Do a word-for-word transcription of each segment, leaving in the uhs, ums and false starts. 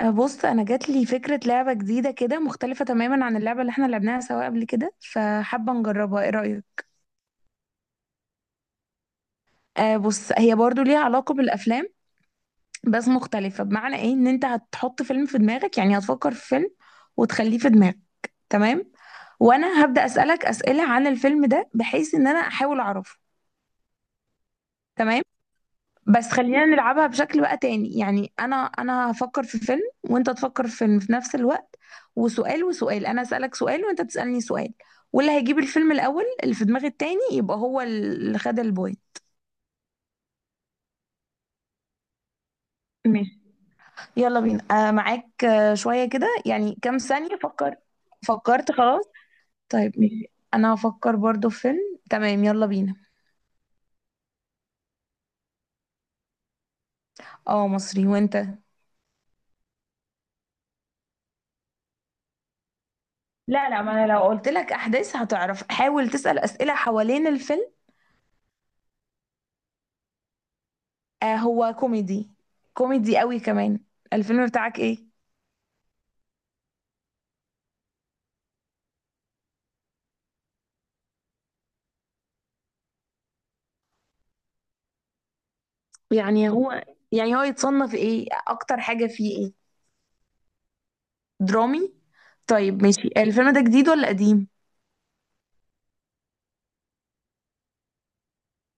أه، بص انا جات لي فكره لعبه جديده كده مختلفه تماما عن اللعبه اللي احنا لعبناها سوا قبل كده، فحابه نجربها. ايه رايك؟ أه بص، هي برضو ليها علاقه بالافلام، بس مختلفه. بمعنى ايه؟ ان انت هتحط فيلم في دماغك، يعني هتفكر في فيلم وتخليه في دماغك، تمام؟ وانا هبدا اسالك اسئله عن الفيلم ده بحيث ان انا احاول اعرفه. تمام. بس خلينا نلعبها بشكل بقى تاني. يعني انا انا هفكر في فيلم وانت تفكر في فيلم في نفس الوقت، وسؤال وسؤال. انا اسالك سؤال وانت تسالني سؤال، واللي هيجيب الفيلم الاول اللي في دماغ التاني يبقى هو اللي خد البوينت. ماشي، يلا بينا. آه معاك. آه شويه كده، يعني كام ثانيه. فكر. فكرت؟ خلاص، طيب ماشي. انا هفكر برضو في فيلم، تمام؟ يلا بينا. اه مصري، وانت؟ لا لا، ما انا لو قلت قلت لك احداث هتعرف. حاول تسال اسئله حوالين الفيلم. آه هو كوميدي. كوميدي قوي كمان. الفيلم بتاعك ايه؟ يعني هو، يعني هو يتصنف ايه؟ اكتر حاجة فيه ايه؟ درامي؟ طيب ماشي، الفيلم ده جديد ولا قديم؟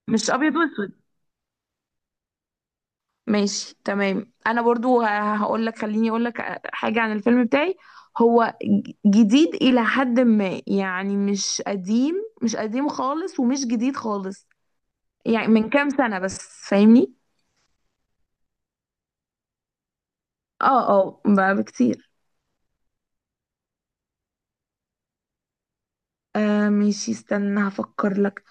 مش ابيض واسود؟ ماشي تمام، انا برضو هقول لك، خليني اقول لك حاجة عن الفيلم بتاعي. هو ج- جديد الى حد ما، يعني مش قديم. مش قديم خالص ومش جديد خالص. يعني من كام سنة بس. فاهمني؟ اه اه، بقى بكتير. آه ماشي، استنى هفكر لك.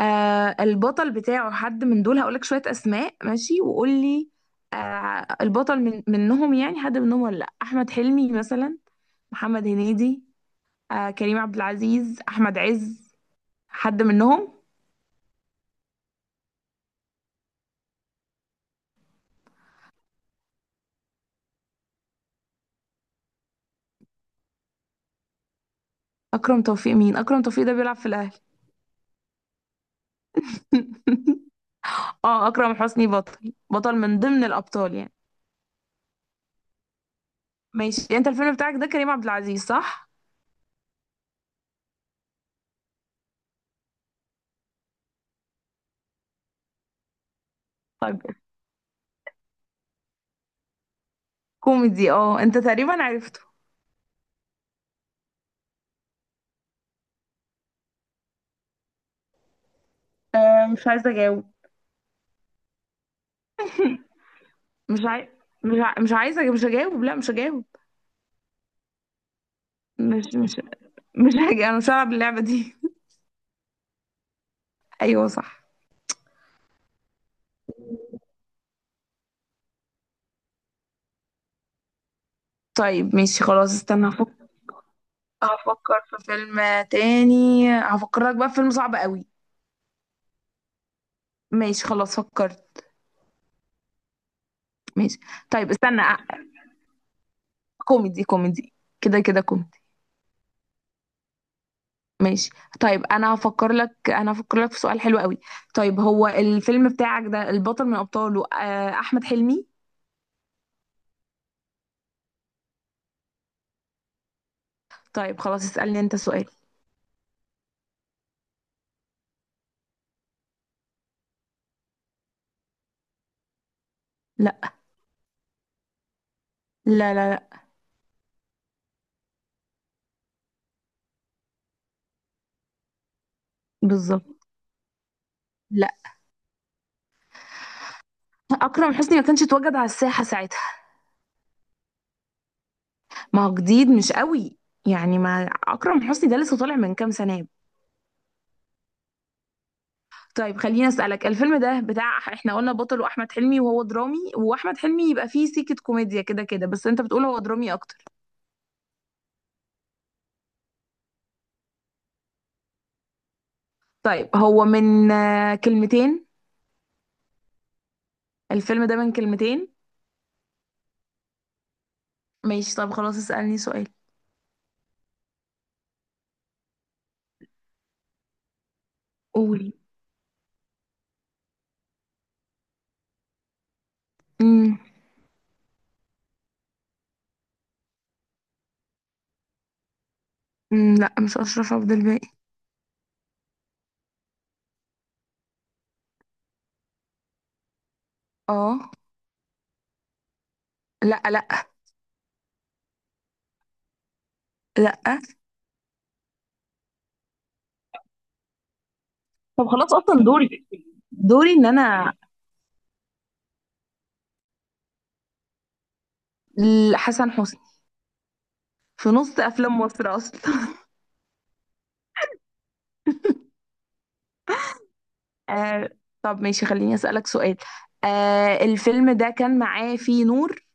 آه، البطل بتاعه حد من دول؟ هقولك شوية أسماء ماشي وقولي. آه، البطل من منهم؟ يعني حد منهم ولا لأ؟ أحمد حلمي مثلا، محمد هنيدي، آه كريم عبد العزيز، أحمد عز. حد منهم؟ أكرم توفيق؟ مين أكرم توفيق ده؟ بيلعب في الأهلي. اه أكرم حسني بطل، بطل من ضمن الأبطال يعني. ماشي. أنت الفيلم بتاعك ده كريم عبد العزيز، صح؟ طيب. كوميدي، اه أنت تقريبا عرفته. آه مش عايزة أجاوب. مش عاي... مش ع... مش عايزة مش هجاوب لا مش هجاوب. مش مش مش حاجة، أنا صعب اللعبة دي. أيوة صح. طيب ماشي خلاص، استنى هفكر. هفكر في فيلم تاني. هفكرك بقى في فيلم صعب قوي. ماشي خلاص، فكرت. ماشي. طيب استنى أ- كوميدي كوميدي. كده كده كوميدي. ماشي. طيب، أنا هفكر لك أنا هفكر لك في سؤال حلو قوي. طيب، هو الفيلم بتاعك ده البطل من أبطاله آه، أحمد حلمي؟ طيب خلاص، اسألني أنت سؤال. لا. لا لا لا. بالظبط. لا. أكرم حسني ما كانش اتوجد على الساحة ساعتها. ما هو جديد، مش قوي. يعني ما اكرم حسني ده لسه طالع من كام سنه. طيب خليني اسالك. الفيلم ده بتاع، احنا قلنا بطله احمد حلمي وهو درامي، واحمد حلمي يبقى فيه سيكه كوميديا كده كده، بس انت بتقول هو درامي اكتر. طيب هو من آه، كلمتين؟ الفيلم ده من كلمتين؟ ماشي. طب خلاص اسالني سؤال. قولي. امم. أمم، لا مش اشرف عبد الباقي. اه. لا لا لا. طب خلاص، اصلا دوري، دوري ان انا، ل- حسن حسني في نص افلام مصر اصلا. آه. طب ماشي، خليني أسألك سؤال. آه الفيلم ده كان معاه فيه نور؟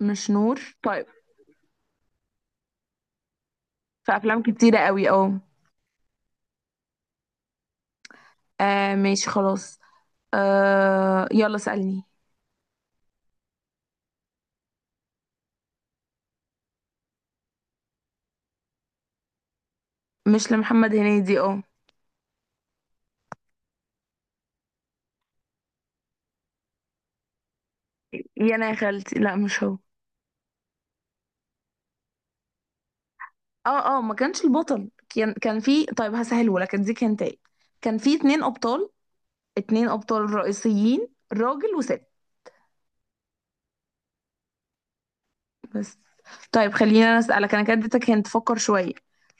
مش نور؟ طيب. في أفلام كتيرة قوي أهو. آه ماشي خلاص. آه يلا سألني. مش لمحمد هنيدي، اه. يا انا يا خالتي، لا مش هو. اه اه، ما كانش البطل. كان كان في، طيب هسهله لك اديك انت. كان في اتنين ابطال، اتنين ابطال رئيسيين، راجل وست. بس. طيب خليني انا اسالك، انا كده اديتك، هنت فكر شويه.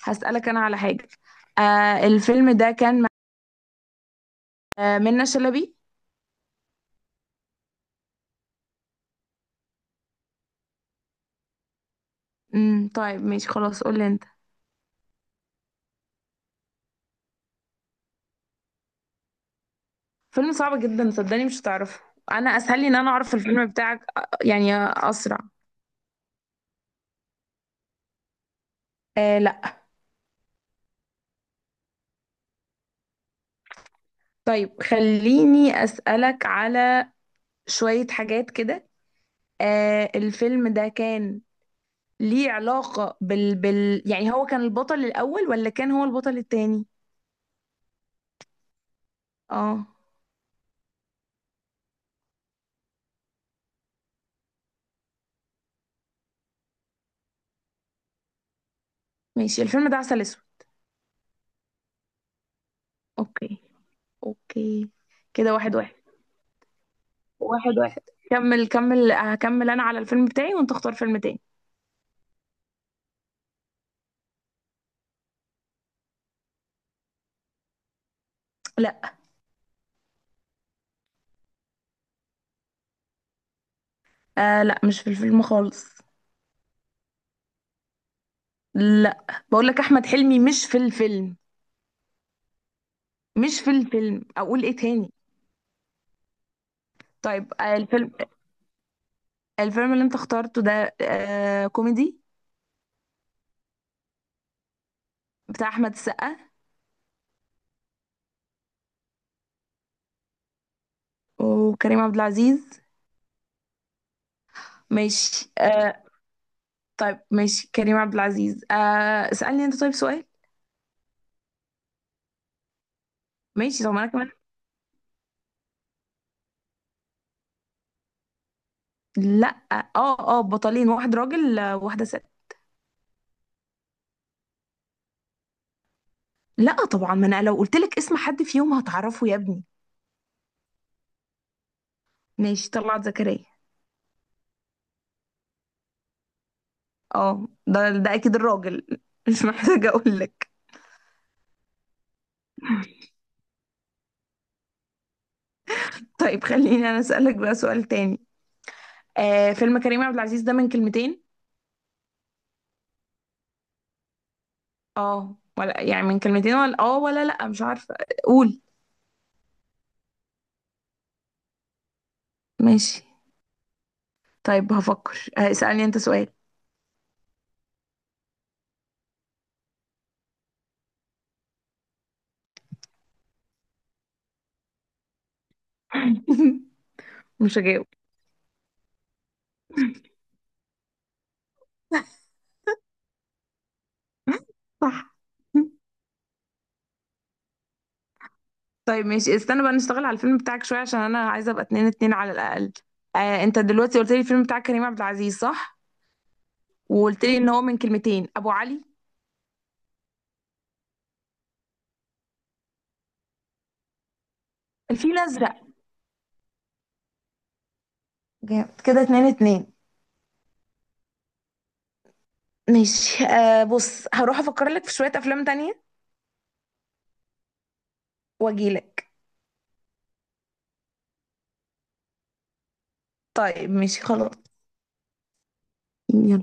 هسالك انا على حاجه. آه الفيلم ده كان مع آه منة شلبي. امم طيب ماشي خلاص، قول لي انت. فيلم صعب جدا صدقني، مش هتعرفه. انا اسهل لي ان انا اعرف الفيلم بتاعك آه، يعني اسرع. آه لا. طيب خليني اسالك على شويه حاجات كده. آه الفيلم ده كان ليه علاقه بال... بال يعني، هو كان البطل الاول ولا كان هو البطل التاني؟ اه. ماشي، الفيلم ده عسل اسود. اوكي. اوكي. كده واحد واحد. واحد واحد. كمل، كمل هكمل انا على الفيلم بتاعي، وانت اختار فيلم تاني. لا. آه لا، مش في الفيلم خالص. لا. بقول لك احمد حلمي مش في الفيلم. مش في الفيلم. اقول ايه تاني؟ طيب، آه الفيلم، الفيلم اللي انت اخترته ده آه كوميدي؟ بتاع احمد السقا وكريم عبد العزيز؟ ماشي آه. طيب ماشي، كريم عبد العزيز آه. اسألني انت طيب سؤال. ماشي. طب ما انا كمان، لا. اه اه، بطلين، واحد راجل آه، واحدة ست. لا طبعا، ما انا لو قلت لك اسم حد فيهم هتعرفه يا ابني. ماشي، طلعت زكريا. اه ده ده اكيد الراجل مش محتاجه اقول لك. طيب خليني انا اسالك بقى سؤال تاني. آه، فيلم كريم عبد العزيز ده من كلمتين؟ اه ولا يعني من كلمتين ولا اه، ولا لا مش عارفه. قول. ماشي. طيب هفكر آه، اسالني انت سؤال. مش هجاوب. صح. طيب ماشي، استنى بقى نشتغل على الفيلم بتاعك شويه، عشان انا عايزه ابقى اتنين اتنين على الاقل. آه انت دلوقتي قلت لي الفيلم بتاع كريم عبد العزيز، صح؟ وقلت لي ان هو من كلمتين. ابو علي. الفيل الازرق. جامد. كده اتنين اتنين. ماشي آه، بص هروح افكر لك في شوية افلام تانية واجيلك. طيب ماشي خلاص. يلا.